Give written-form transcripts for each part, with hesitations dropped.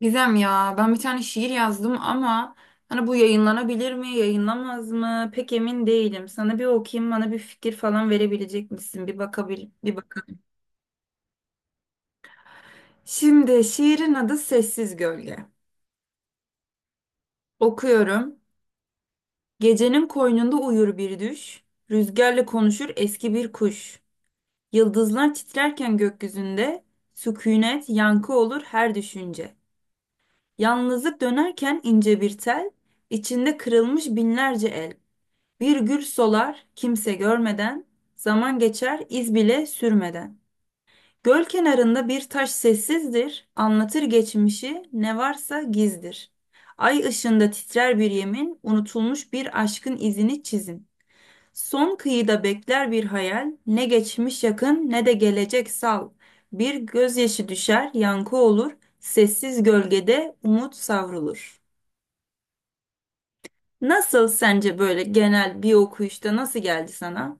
Gizem ya ben bir tane şiir yazdım ama hani bu yayınlanabilir mi yayınlamaz mı pek emin değilim. Sana bir okuyayım, bana bir fikir falan verebilecek misin? Bir bakabil bir bakalım. Şimdi şiirin adı Sessiz Gölge. Okuyorum. Gecenin koynunda uyur bir düş, rüzgarla konuşur eski bir kuş. Yıldızlar titrerken gökyüzünde, sükunet yankı olur her düşünce. Yalnızlık dönerken ince bir tel, içinde kırılmış binlerce el. Bir gül solar kimse görmeden, zaman geçer iz bile sürmeden. Göl kenarında bir taş sessizdir, anlatır geçmişi, ne varsa gizdir. Ay ışığında titrer bir yemin, unutulmuş bir aşkın izini çizin. Son kıyıda bekler bir hayal, ne geçmiş yakın ne de gelecek sal. Bir gözyaşı düşer, yankı olur, sessiz gölgede umut savrulur. Nasıl sence, böyle genel bir okuyuşta nasıl geldi sana?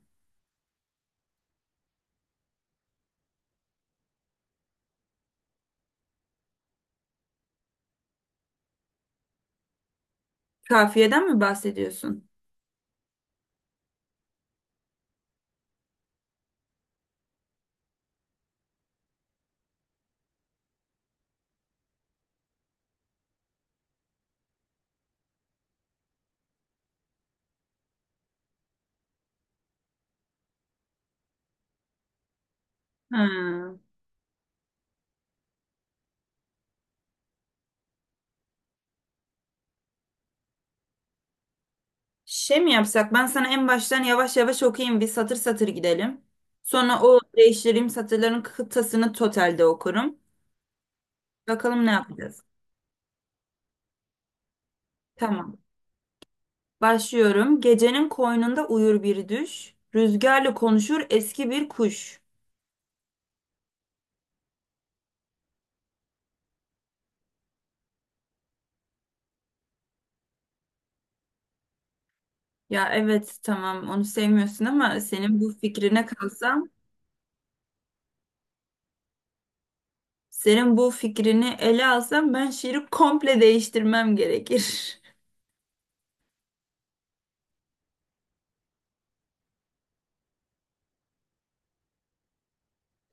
Kafiyeden mi bahsediyorsun? Ha. Şey mi yapsak? Ben sana en baştan yavaş yavaş okuyayım. Bir satır satır gidelim. Sonra o değiştireyim, satırların kıtasını totalde okurum. Bakalım ne yapacağız. Tamam. Başlıyorum. Gecenin koynunda uyur bir düş. Rüzgarla konuşur eski bir kuş. Ya evet tamam, onu sevmiyorsun ama senin bu fikrine kalsam, senin bu fikrini ele alsam ben şiiri komple değiştirmem gerekir.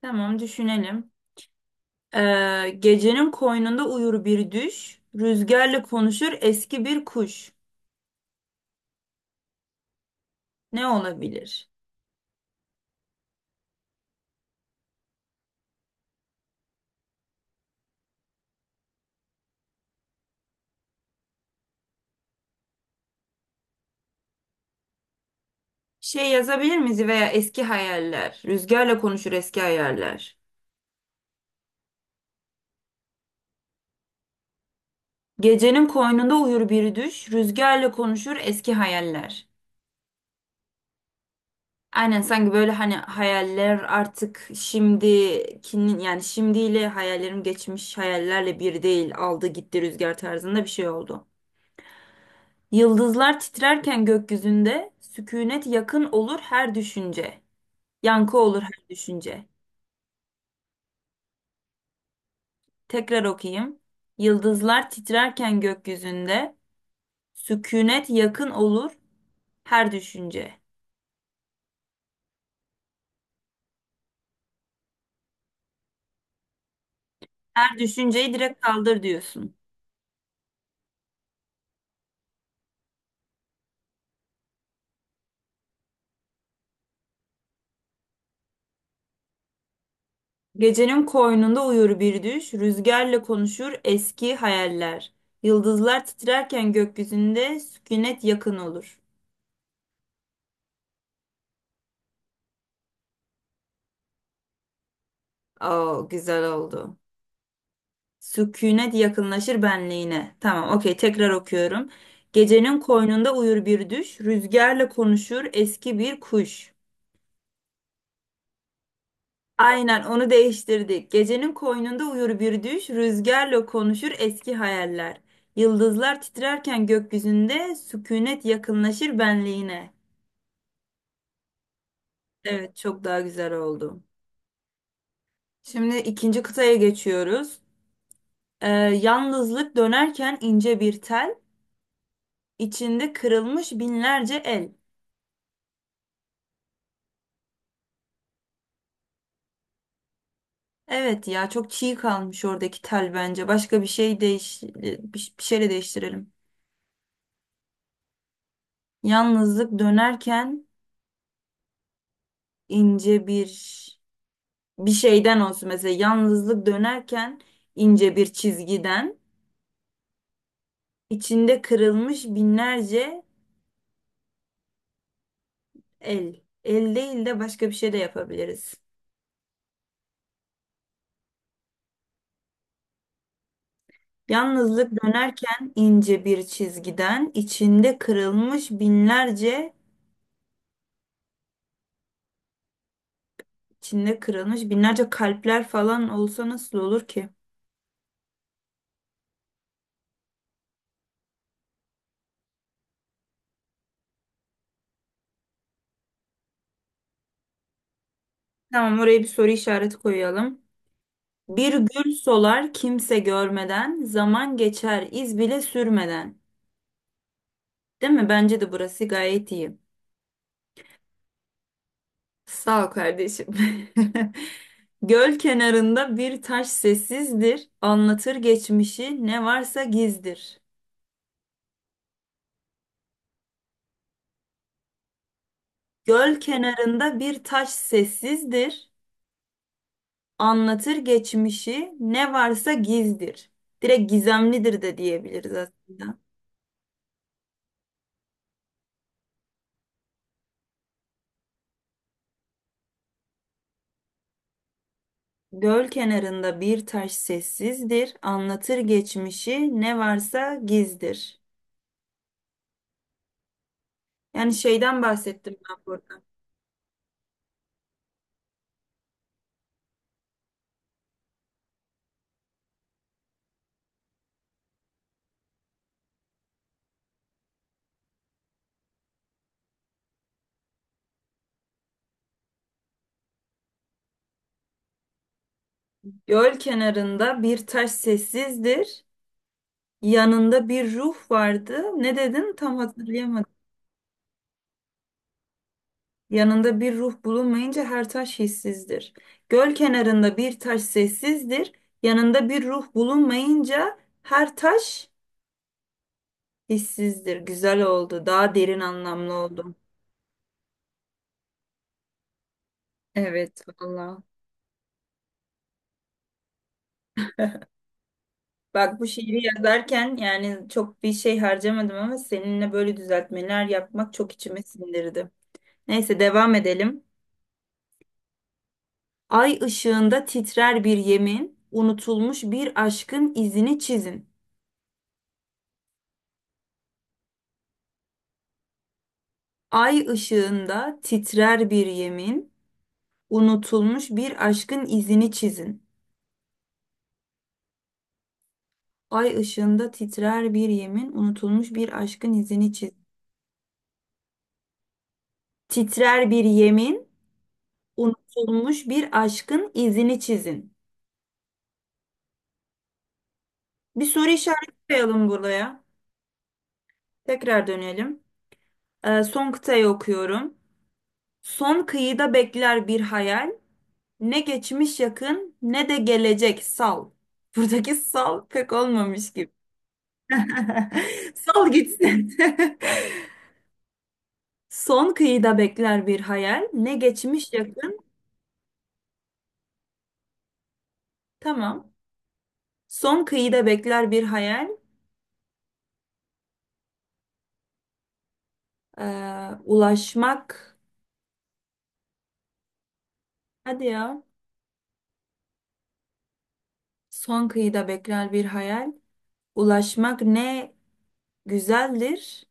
Tamam, düşünelim. Gecenin koynunda uyur bir düş, rüzgarla konuşur eski bir kuş. Ne olabilir? Şey yazabilir miyiz, veya eski hayaller. Rüzgarla konuşur eski hayaller. Gecenin koynunda uyur bir düş, rüzgarla konuşur eski hayaller. Aynen, sanki böyle hani hayaller artık şimdikinin, yani şimdiyle hayallerim geçmiş hayallerle bir değil, aldı gitti rüzgar tarzında bir şey oldu. Yıldızlar titrerken gökyüzünde, sükunet yakın olur her düşünce. Yankı olur her düşünce. Tekrar okuyayım. Yıldızlar titrerken gökyüzünde, sükunet yakın olur her düşünce. Her düşünceyi direkt kaldır diyorsun. Gecenin koynunda uyur bir düş, rüzgarla konuşur eski hayaller. Yıldızlar titrerken gökyüzünde, sükunet yakın olur. Oo, güzel oldu. Sükunet yakınlaşır benliğine. Tamam, okey, tekrar okuyorum. Gecenin koynunda uyur bir düş, rüzgarla konuşur eski bir kuş. Aynen, onu değiştirdik. Gecenin koynunda uyur bir düş, rüzgarla konuşur eski hayaller. Yıldızlar titrerken gökyüzünde sükunet yakınlaşır benliğine. Evet, çok daha güzel oldu. Şimdi ikinci kıtaya geçiyoruz. Yalnızlık dönerken ince bir tel, içinde kırılmış binlerce el. Evet ya, çok çiğ kalmış oradaki tel bence. Başka bir şey bir şeyle değiştirelim. Yalnızlık dönerken ince bir bir şeyden olsun mesela. Yalnızlık dönerken ince bir çizgiden, içinde kırılmış binlerce el. El değil de başka bir şey de yapabiliriz. Yalnızlık dönerken ince bir çizgiden, içinde kırılmış binlerce kalpler falan olsa nasıl olur ki? Tamam, oraya bir soru işareti koyalım. Bir gül solar kimse görmeden, zaman geçer iz bile sürmeden. Değil mi? Bence de burası gayet iyi. Sağ ol kardeşim. Göl kenarında bir taş sessizdir, anlatır geçmişi ne varsa gizdir. Göl kenarında bir taş sessizdir, anlatır geçmişi ne varsa gizdir. Direkt gizemlidir de diyebiliriz aslında. Göl kenarında bir taş sessizdir, anlatır geçmişi, ne varsa gizdir. Yani şeyden bahsettim ben burada. Göl kenarında bir taş sessizdir, yanında bir ruh vardı. Ne dedin? Tam hatırlayamadım. Yanında bir ruh bulunmayınca her taş hissizdir. Göl kenarında bir taş sessizdir, yanında bir ruh bulunmayınca her taş hissizdir. Güzel oldu, daha derin anlamlı oldu. Evet, vallahi. Bak, bu şiiri yazarken yani çok bir şey harcamadım ama seninle böyle düzeltmeler yapmak çok içime sindirdi. Neyse, devam edelim. Ay ışığında titrer bir yemin, unutulmuş bir aşkın izini çizin. Ay ışığında titrer bir yemin, unutulmuş bir aşkın izini çizin. Ay ışığında titrer bir yemin, unutulmuş bir aşkın izini çizin. Titrer bir yemin, unutulmuş bir aşkın izini çizin. Bir soru işareti koyalım buraya. Tekrar dönelim. Son kıtayı okuyorum. Son kıyıda bekler bir hayal. Ne geçmiş yakın ne de gelecek sal. Buradaki sal pek olmamış gibi. Sal gitsin. Son kıyıda bekler bir hayal. Ne geçmiş yakın. Tamam. Son kıyıda bekler bir hayal. Ulaşmak. Hadi ya. Son kıyıda bekler bir hayal. Ulaşmak ne güzeldir.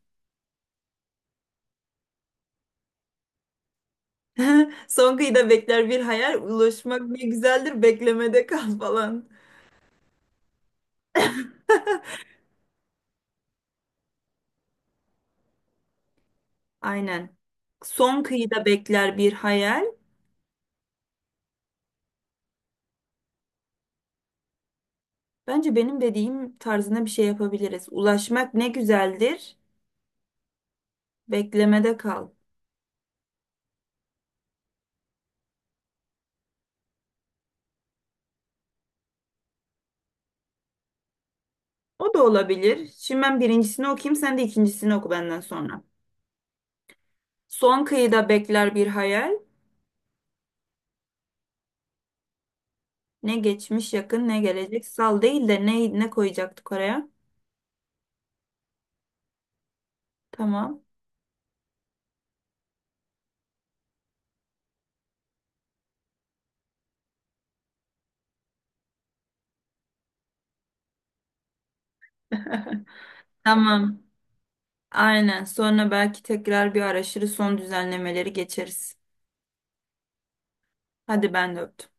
Son kıyıda bekler bir hayal. Ulaşmak ne güzeldir. Beklemede kal falan. Aynen. Son kıyıda bekler bir hayal. Bence benim dediğim tarzına bir şey yapabiliriz. Ulaşmak ne güzeldir. Beklemede kal. O da olabilir. Şimdi ben birincisini okuyayım. Sen de ikincisini oku benden sonra. Son kıyıda bekler bir hayal. Ne geçmiş yakın ne gelecek. Sal değil de ne, ne koyacaktık oraya? Tamam. Tamam. Aynen. Sonra belki tekrar bir araştırır, son düzenlemeleri geçeriz. Hadi ben de öptüm.